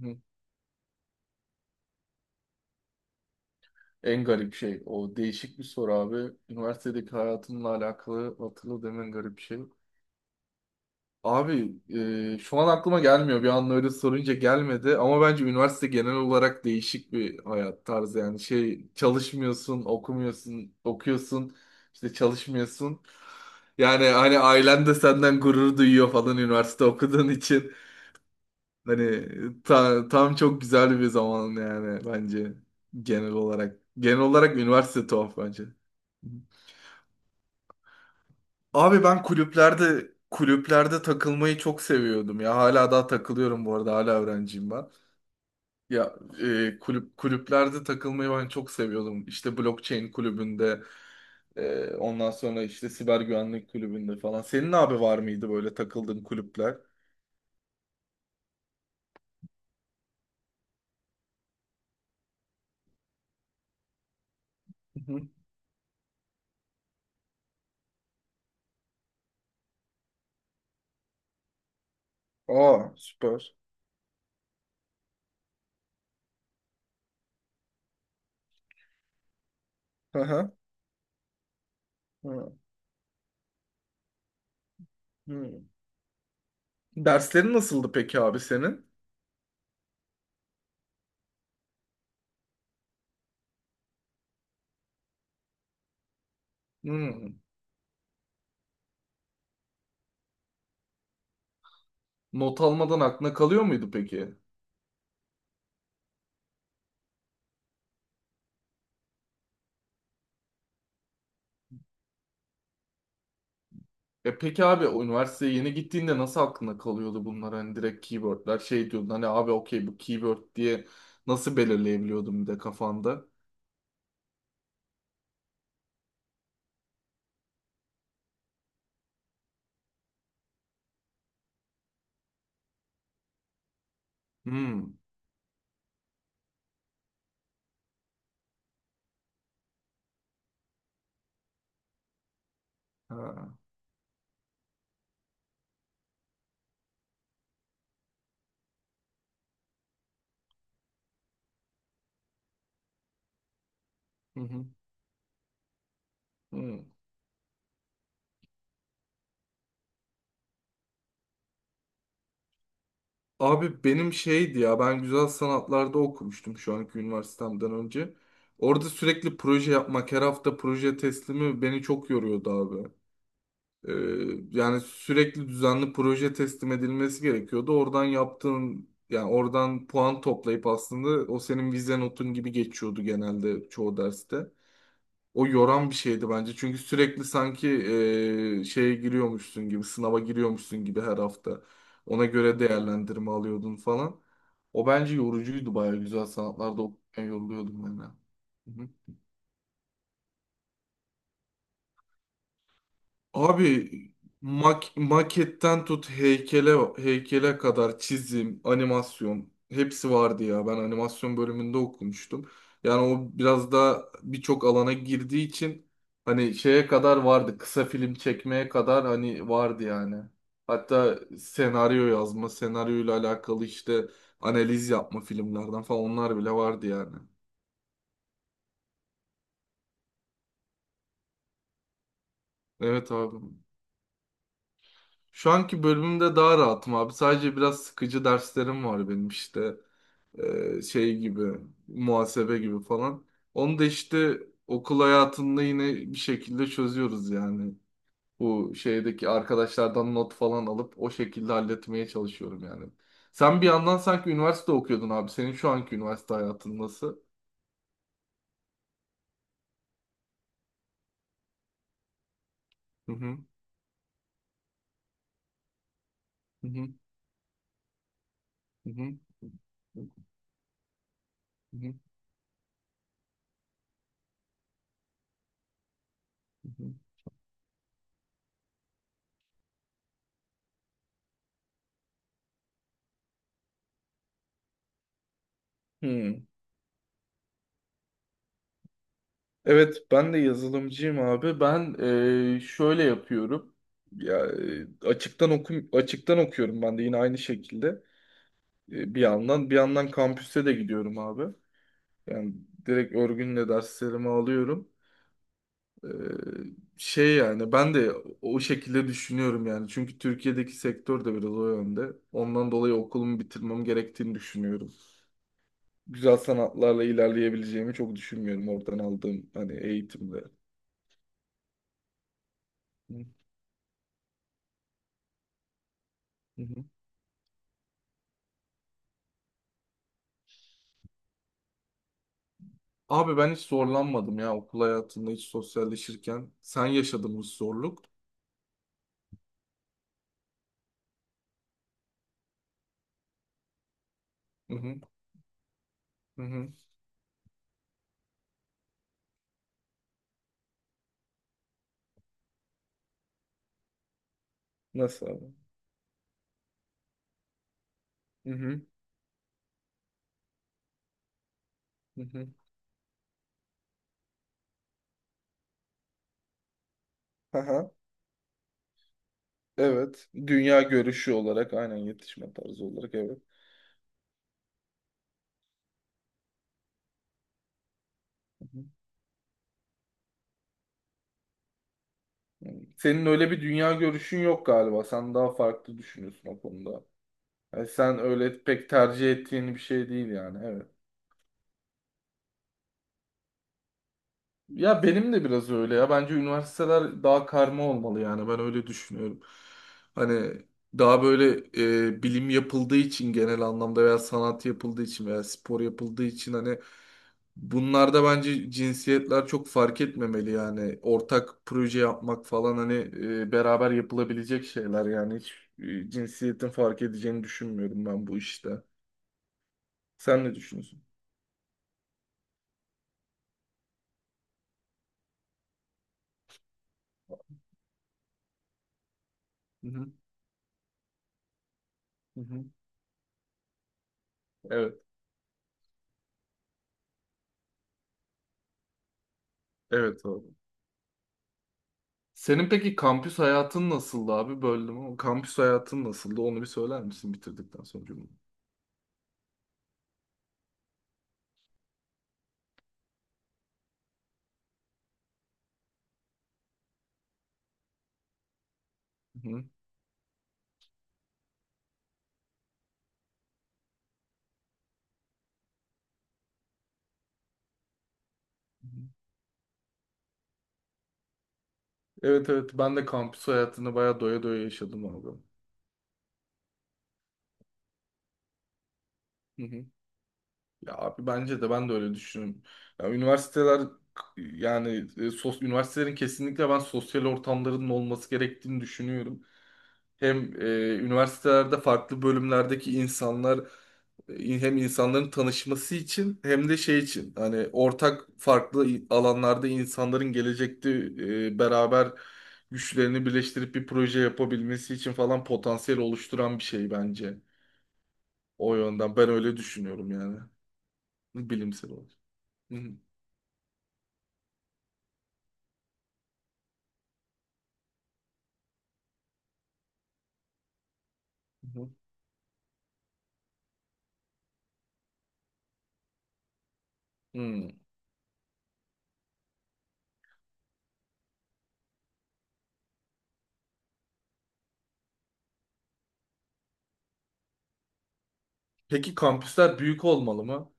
Hı. En garip şey, o değişik bir soru abi. Üniversitedeki hayatımla alakalı hatırladığım en garip şey. Abi şu an aklıma gelmiyor. Bir anda öyle sorunca gelmedi. Ama bence üniversite genel olarak değişik bir hayat tarzı. Yani şey, çalışmıyorsun, okumuyorsun, okuyorsun, işte çalışmıyorsun. Yani hani ailen de senden gurur duyuyor falan üniversite okuduğun için. Hani tam çok güzel bir zaman yani bence genel olarak. Genel olarak üniversite tuhaf bence. Abi ben kulüplerde takılmayı çok seviyordum ya. Hala daha takılıyorum bu arada. Hala öğrenciyim ben. Ya kulüplerde takılmayı ben çok seviyordum. İşte blockchain kulübünde, ondan sonra işte siber güvenlik kulübünde falan. Senin abi var mıydı böyle takıldığın kulüpler? Hı hı. Aa süper. Hı hı. Hı hı. Derslerin nasıldı peki abi senin? Hmm. Not almadan aklına kalıyor muydu peki? E peki abi, o üniversiteye yeni gittiğinde nasıl aklına kalıyordu bunlar? Hani direkt keywordler, şey diyordun, hani abi okey bu keyword diye nasıl belirleyebiliyordum bir de kafanda? Hmm. Ha. Hı hı. Hı. Abi benim şeydi ya, ben güzel sanatlarda okumuştum şu anki üniversitemden önce. Orada sürekli proje yapmak, her hafta proje teslimi beni çok yoruyordu abi. Ee, yani sürekli düzenli proje teslim edilmesi gerekiyordu. Oradan yaptığın, yani oradan puan toplayıp aslında o senin vize notun gibi geçiyordu genelde çoğu derste. O yoran bir şeydi bence. Çünkü sürekli sanki şeye giriyormuşsun gibi, sınava giriyormuşsun gibi her hafta. Ona göre değerlendirme alıyordun falan. O bence yorucuydu, bayağı güzel sanatlarda okurken yoruluyordum ben. De. Hı hı. Abi maketten tut heykele, kadar çizim, animasyon, hepsi vardı ya. Ben animasyon bölümünde okumuştum. Yani o biraz da birçok alana girdiği için hani şeye kadar vardı. Kısa film çekmeye kadar hani vardı yani. Hatta senaryo yazma, senaryoyla alakalı işte analiz yapma filmlerden falan, onlar bile vardı yani. Evet abi. Şu anki bölümümde daha rahatım abi. Sadece biraz sıkıcı derslerim var benim işte. Şey gibi, muhasebe gibi falan. Onu da işte okul hayatında yine bir şekilde çözüyoruz yani. Bu şeydeki arkadaşlardan not falan alıp o şekilde halletmeye çalışıyorum yani. Sen bir yandan sanki üniversite okuyordun abi. Senin şu anki üniversite hayatın nasıl? Hı hı. Hı hı. Hı hı. Hı hı. Hı hı. Hmm. Evet, ben de yazılımcıyım abi. Ben şöyle yapıyorum. Ya açıktan okuyorum ben de yine aynı şekilde. E, bir yandan kampüse de gidiyorum abi. Yani direkt örgünle derslerimi alıyorum. E, Şey, yani ben de o şekilde düşünüyorum yani. Çünkü Türkiye'deki sektör de biraz o yönde. Ondan dolayı okulumu bitirmem gerektiğini düşünüyorum. Güzel sanatlarla ilerleyebileceğimi çok düşünmüyorum oradan aldığım hani eğitimde. Hı hı. Abi ben hiç zorlanmadım ya okul hayatında, hiç sosyalleşirken. Sen yaşadın bu zorluk. Hı hı. Hı hı. Nasıl abi? Hı hı. Hı hı. Aha. Evet. Dünya görüşü olarak aynen, yetişme tarzı olarak evet. Hı hı. Senin öyle bir dünya görüşün yok galiba. Sen daha farklı düşünüyorsun o konuda. Yani sen öyle pek tercih ettiğin bir şey değil yani. Evet. Ya benim de biraz öyle ya. Bence üniversiteler daha karma olmalı yani. Ben öyle düşünüyorum. Hani daha böyle bilim yapıldığı için genel anlamda, veya sanat yapıldığı için, veya spor yapıldığı için, hani bunlarda bence cinsiyetler çok fark etmemeli yani. Ortak proje yapmak falan, hani beraber yapılabilecek şeyler yani. Hiç cinsiyetin fark edeceğini düşünmüyorum ben bu işte. Sen ne düşünüyorsun? Hı hı. Hı hı. Evet. Evet abi. Senin peki kampüs hayatın nasıldı abi? Böldüm ama, kampüs hayatın nasıldı? Onu bir söyler misin bitirdikten sonra cümle? Hı hı. Evet, evet, ben de kampüs hayatını bayağı doya doya yaşadım abi. Hı hı. Ya abi bence de, ben de öyle düşünüyorum. Ya üniversiteler, yani üniversitelerin kesinlikle, ben sosyal ortamlarının olması gerektiğini düşünüyorum. Hem üniversitelerde farklı bölümlerdeki insanlar, hem insanların tanışması için, hem de şey için, hani ortak farklı alanlarda insanların gelecekte beraber güçlerini birleştirip bir proje yapabilmesi için falan potansiyel oluşturan bir şey bence. O yönden ben öyle düşünüyorum yani. Bilimsel olarak. Hı hı. Hı hı. Peki kampüsler büyük olmalı mı?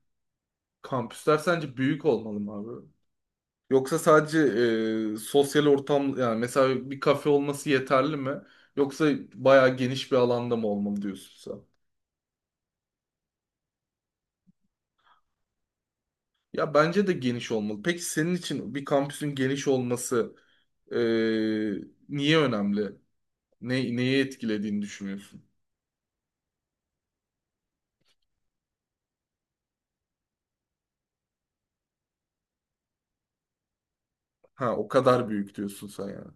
Kampüsler sence büyük olmalı mı abi? Yoksa sadece sosyal ortam, yani mesela bir kafe olması yeterli mi? Yoksa bayağı geniş bir alanda mı olmalı diyorsun sen? Ya bence de geniş olmalı. Peki senin için bir kampüsün geniş olması e, niye önemli? Neye etkilediğini düşünüyorsun? Ha, o kadar büyük diyorsun sen yani.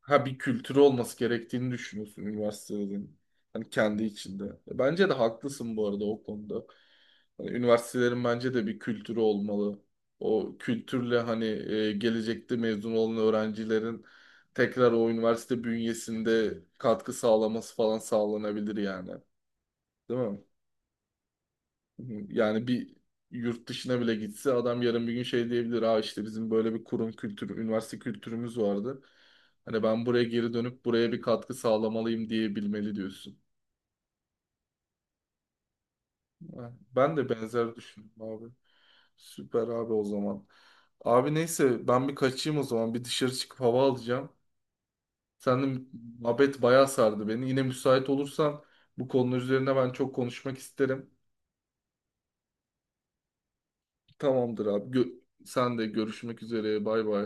Ha, bir kültürü olması gerektiğini düşünüyorsun üniversitelerin. Hani kendi içinde. E, bence de haklısın bu arada o konuda. Hani üniversitelerin bence de bir kültürü olmalı. O kültürle hani gelecekte mezun olan öğrencilerin tekrar o üniversite bünyesinde katkı sağlaması falan sağlanabilir yani. Değil mi? Yani bir yurt dışına bile gitse adam, yarın bir gün şey diyebilir. Aa, işte bizim böyle bir kurum kültürü, üniversite kültürümüz vardı. Hani ben buraya geri dönüp buraya bir katkı sağlamalıyım diyebilmeli diyorsun. Ha, ben de benzer düşündüm abi. Süper abi, o zaman. Abi neyse, ben bir kaçayım o zaman. Bir dışarı çıkıp hava alacağım. Senin muhabbet bayağı sardı beni. Yine müsait olursan, bu konular üzerine ben çok konuşmak isterim. Tamamdır abi. Sen de görüşmek üzere. Bay bay.